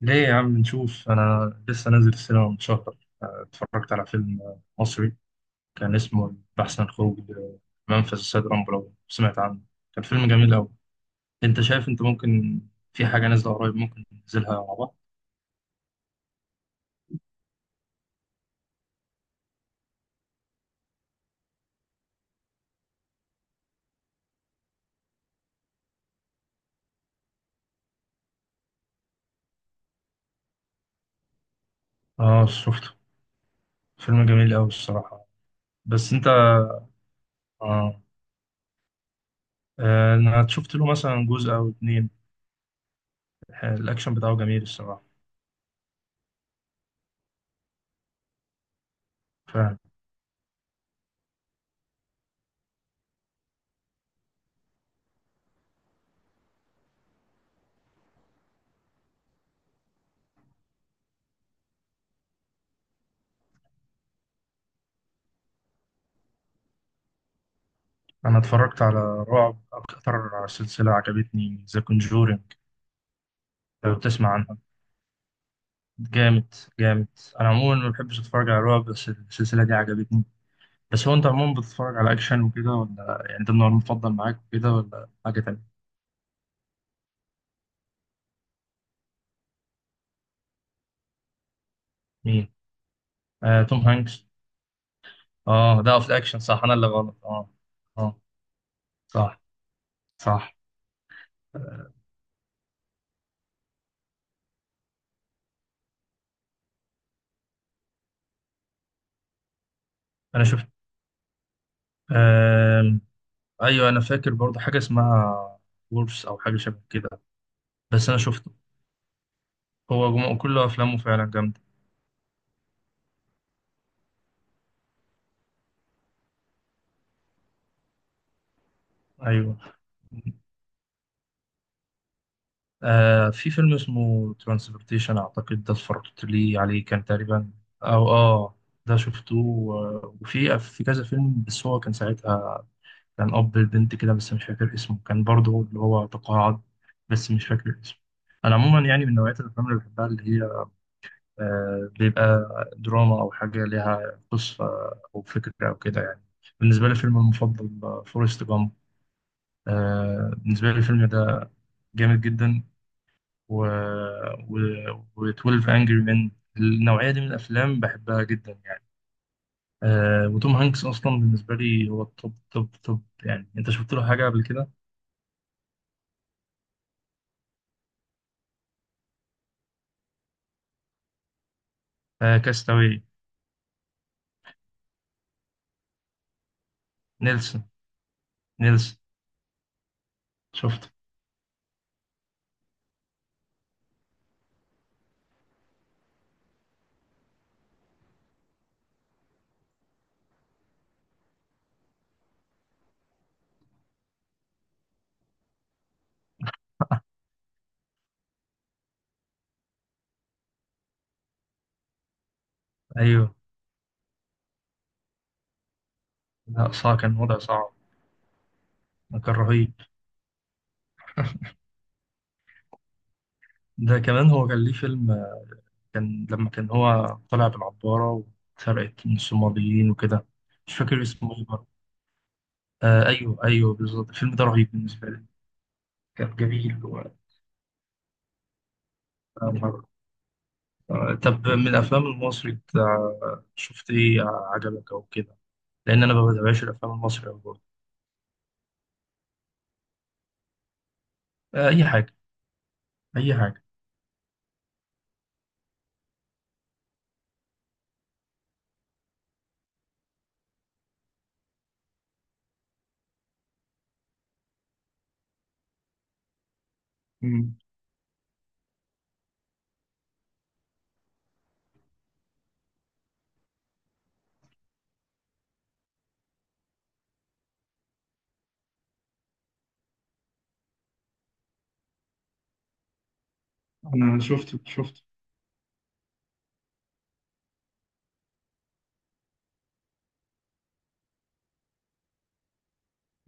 ليه يا عم نشوف؟ أنا لسه نازل السينما من شهر. اتفرجت على فيلم مصري كان اسمه البحث عن خروج منفذ السيد رامبو، لو سمعت عنه. كان فيلم جميل أوي. أنت شايف؟ أنت ممكن في حاجة نازلة قريب ممكن ننزلها مع بعض؟ آه شفته، فيلم جميل أوي الصراحة. بس أنت آه. أنا شفت له مثلا جزء أو اتنين، الأكشن بتاعه جميل الصراحة. فاهم. أنا اتفرجت على رعب، أكتر سلسلة عجبتني ذا كونجورينج، لو تسمع عنها. جامد جامد. انا عموما ما بحبش اتفرج على رعب بس السلسله دي عجبتني. بس هو انت عموما بتتفرج على اكشن وكده ولا يعني ده النوع المفضل معاك وكده ولا حاجه تانية؟ مين؟ آه توم هانكس. اه ده في الاكشن صح، انا اللي غلط اه. اه. صح. صح. انا شفت. آه ايوه، انا فاكر برضه حاجه اسمها وولفز او حاجه شبه كده، بس انا شفته. هو كل افلامه فعلا جامده. ايوه. آه في فيلم اسمه ترانسبورتيشن أعتقد، ده اتفرجت لي عليه كان تقريبا. أو آه، ده شفته. وفي كذا فيلم، بس هو كان ساعتها كان أب البنت كده، بس مش فاكر اسمه، كان برضه اللي هو تقاعد، بس مش فاكر اسمه. أنا عموما يعني من نوعية الأفلام اللي بحبها اللي هي بيبقى دراما أو حاجة ليها قصة أو فكرة أو كده يعني. بالنسبة لي فيلم المفضل فورست جامب، آه بالنسبة لي الفيلم ده جامد جدا. و... و... و12 انجري مان، النوعيه دي من الافلام بحبها جدا يعني. آه وتوم هانكس اصلا بالنسبه لي هو التوب توب توب يعني. انت شفت له حاجه قبل كده؟ آه كاستاوي. نيلسون. نيلسون. شفته. ايوه. لا صعب، كان وضع صعب. كان رهيب. ده كمان هو كان ليه فيلم كان لما كان هو طلع بالعباره واتسرقت من الصوماليين وكده. مش فاكر اسمه ايه برضه. آه ايوه ايوه بالظبط، الفيلم ده رهيب بالنسبه لي. كان جميل. و... طب من الافلام المصري بتاع، شفت ايه عجبك او كده؟ لان انا ما بتابعش الافلام المصري أوي برضه. اي حاجه، اي حاجه. مم. أنا شفته شفته.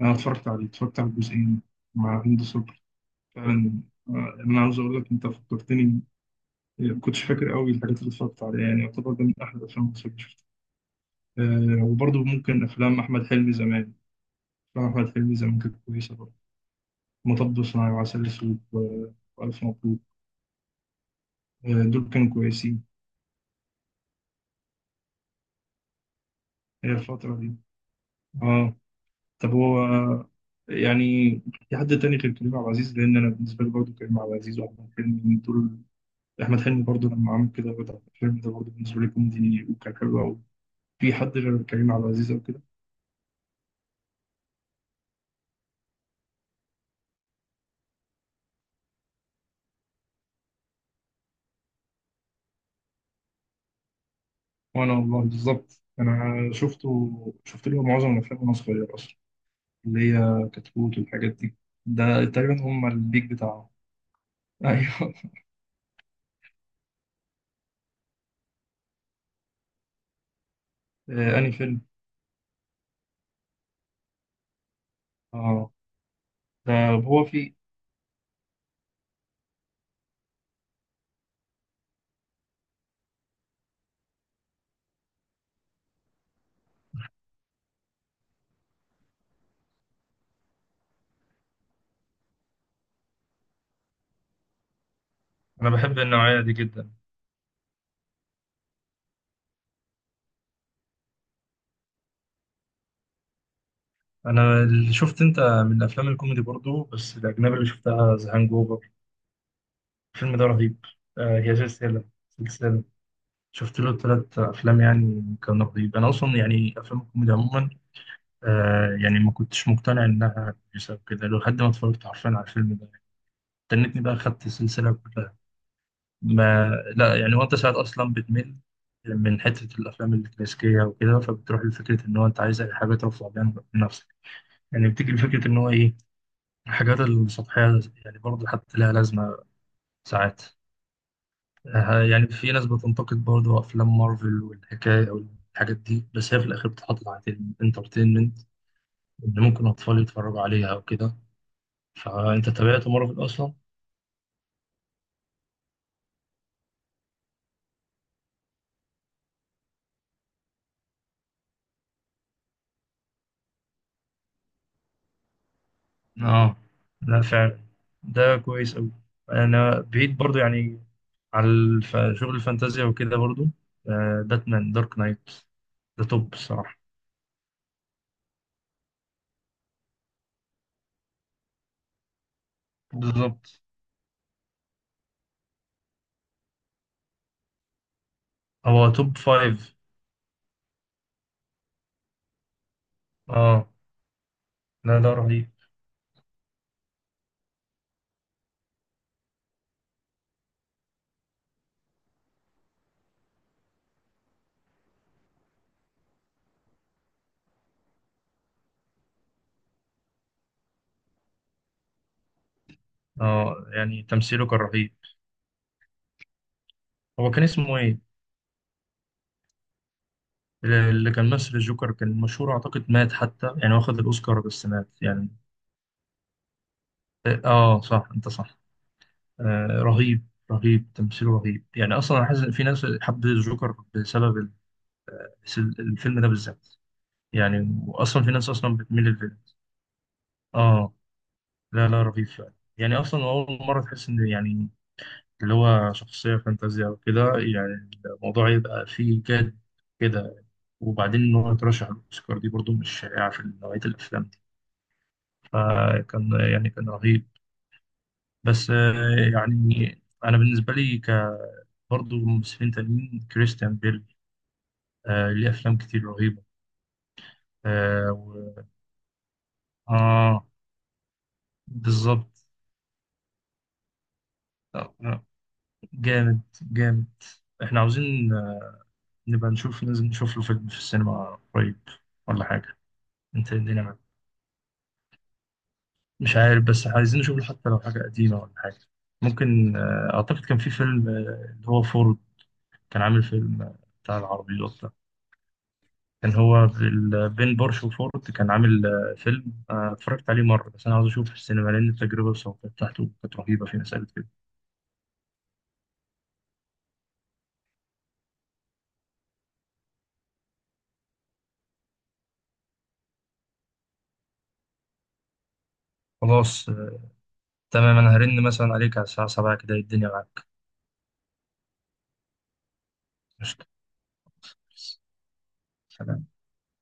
أنا اتفرجت عليه، اتفرجت على الجزئين مع هند صبري فعلا. آه، أنا عاوز أقول لك أنت فكرتني. ما كنتش فاكر قوي الحاجات اللي اتفرجت عليها، يعني يعتبر ده من أحلى الأفلام المصرية اللي شفتها. أه وبرضه ممكن أفلام أحمد حلمي زمان. أفلام أحمد حلمي زمان كانت كويسة برضه. مطب صناعي وعسل أسود وألف مبروك. أه دول كانوا كويسين. هي الفترة دي. آه. طب هو يعني في حد تاني غير كريم عبد العزيز؟ لان انا بالنسبه لي برضه كريم عبد العزيز واحمد حلمي من دول. احمد حلمي برضه لما عمل كده، بدأ الفيلم ده برضه بالنسبه لي كوميدي وكان حلو قوي. في حد غير كريم عبد العزيز او كده؟ وانا والله بالظبط، انا شفته، شفت له معظم الافلام وانا صغير اصلا، اللي هي كتكوت والحاجات دي، ده تقريبا هم البيك بتاعه. ايوه. انهي فيلم؟ اه. ده هو في. انا بحب النوعيه دي جدا. انا اللي شفت انت من الافلام الكوميدي برضو بس الاجنبي اللي شفتها ذا هانج اوفر، الفيلم ده رهيب. آه هي سلسله، سلسله. شفت له ثلاث افلام، يعني كان رهيب. انا اصلا يعني افلام الكوميدي عموما آه يعني ما كنتش مقتنع انها كويسه وكده لحد ما اتفرجت حرفيا على الفيلم ده. استنيتني بقى خدت السلسله كلها. ما. لا يعني وانت ساعات اصلا بتمل من حته الافلام الكلاسيكيه وكده، فبتروح لفكره ان هو انت عايز اي حاجه ترفع بيها نفسك. يعني بتيجي لفكره ان هو ايه الحاجات السطحية، يعني برضه حتى لها لازمة ساعات. يعني في ناس بتنتقد برضه أفلام مارفل والحكاية أو الحاجات دي، بس هي في الآخر بتحط تحت الانترتينمنت، إن ممكن أطفال يتفرجوا عليها أو كده. فأنت تابعت مارفل أصلا؟ آه. لا فعلا، ده كويس أوي. أنا بعيد برضه يعني على شغل الفانتازيا وكده برضه. باتمان دارك نايت، ده توب الصراحة. بالظبط. هو توب فايف. آه. لا ده رهيب. اه يعني تمثيله كان رهيب. هو كان اسمه ايه اللي كان مثل الجوكر؟ كان مشهور اعتقد مات حتى، يعني واخد الاوسكار بس مات يعني. اه آه، صح انت صح. آه رهيب، رهيب تمثيله رهيب. يعني اصلا انا حاسس إن في ناس حبت الجوكر بسبب الفيلم ده بالذات. يعني واصلا في ناس اصلا بتميل للفيلم. اه. لا لا رهيب فعلا. يعني اصلا اول مره تحس ان يعني اللي هو شخصية فانتازيا وكده يعني الموضوع يبقى فيه جد كده. وبعدين إن هو يترشح للأوسكار دي برضو مش شائعة في نوعية الأفلام دي، فكان يعني كان رهيب. بس يعني أنا بالنسبة لي برضو ممثلين تانيين كريستيان بيل، ليه أفلام كتير رهيبة. آه, و... آه. بالظبط. آه، آه، جامد جامد. إحنا عاوزين نبقى نشوف، ننزل نشوف له فيلم في السينما قريب ولا حاجة. أنت إيه الدنيا؟ مش عارف، بس عايزين نشوف حتى لو حاجة قديمة ولا حاجة. ممكن أعتقد كان في فيلم اللي هو فورد، كان عامل فيلم بتاع العربيات ده. كان هو بين بورش وفورد، كان عامل فيلم اتفرجت عليه مرة، بس أنا عاوز أشوفه في السينما لأن التجربة الصوتية بتاعته كانت رهيبة في مسألة كده. خلاص تمام، أنا هرن مثلا عليك على الساعة 7 كده، إيه الدنيا معاك؟ قشطة. سلام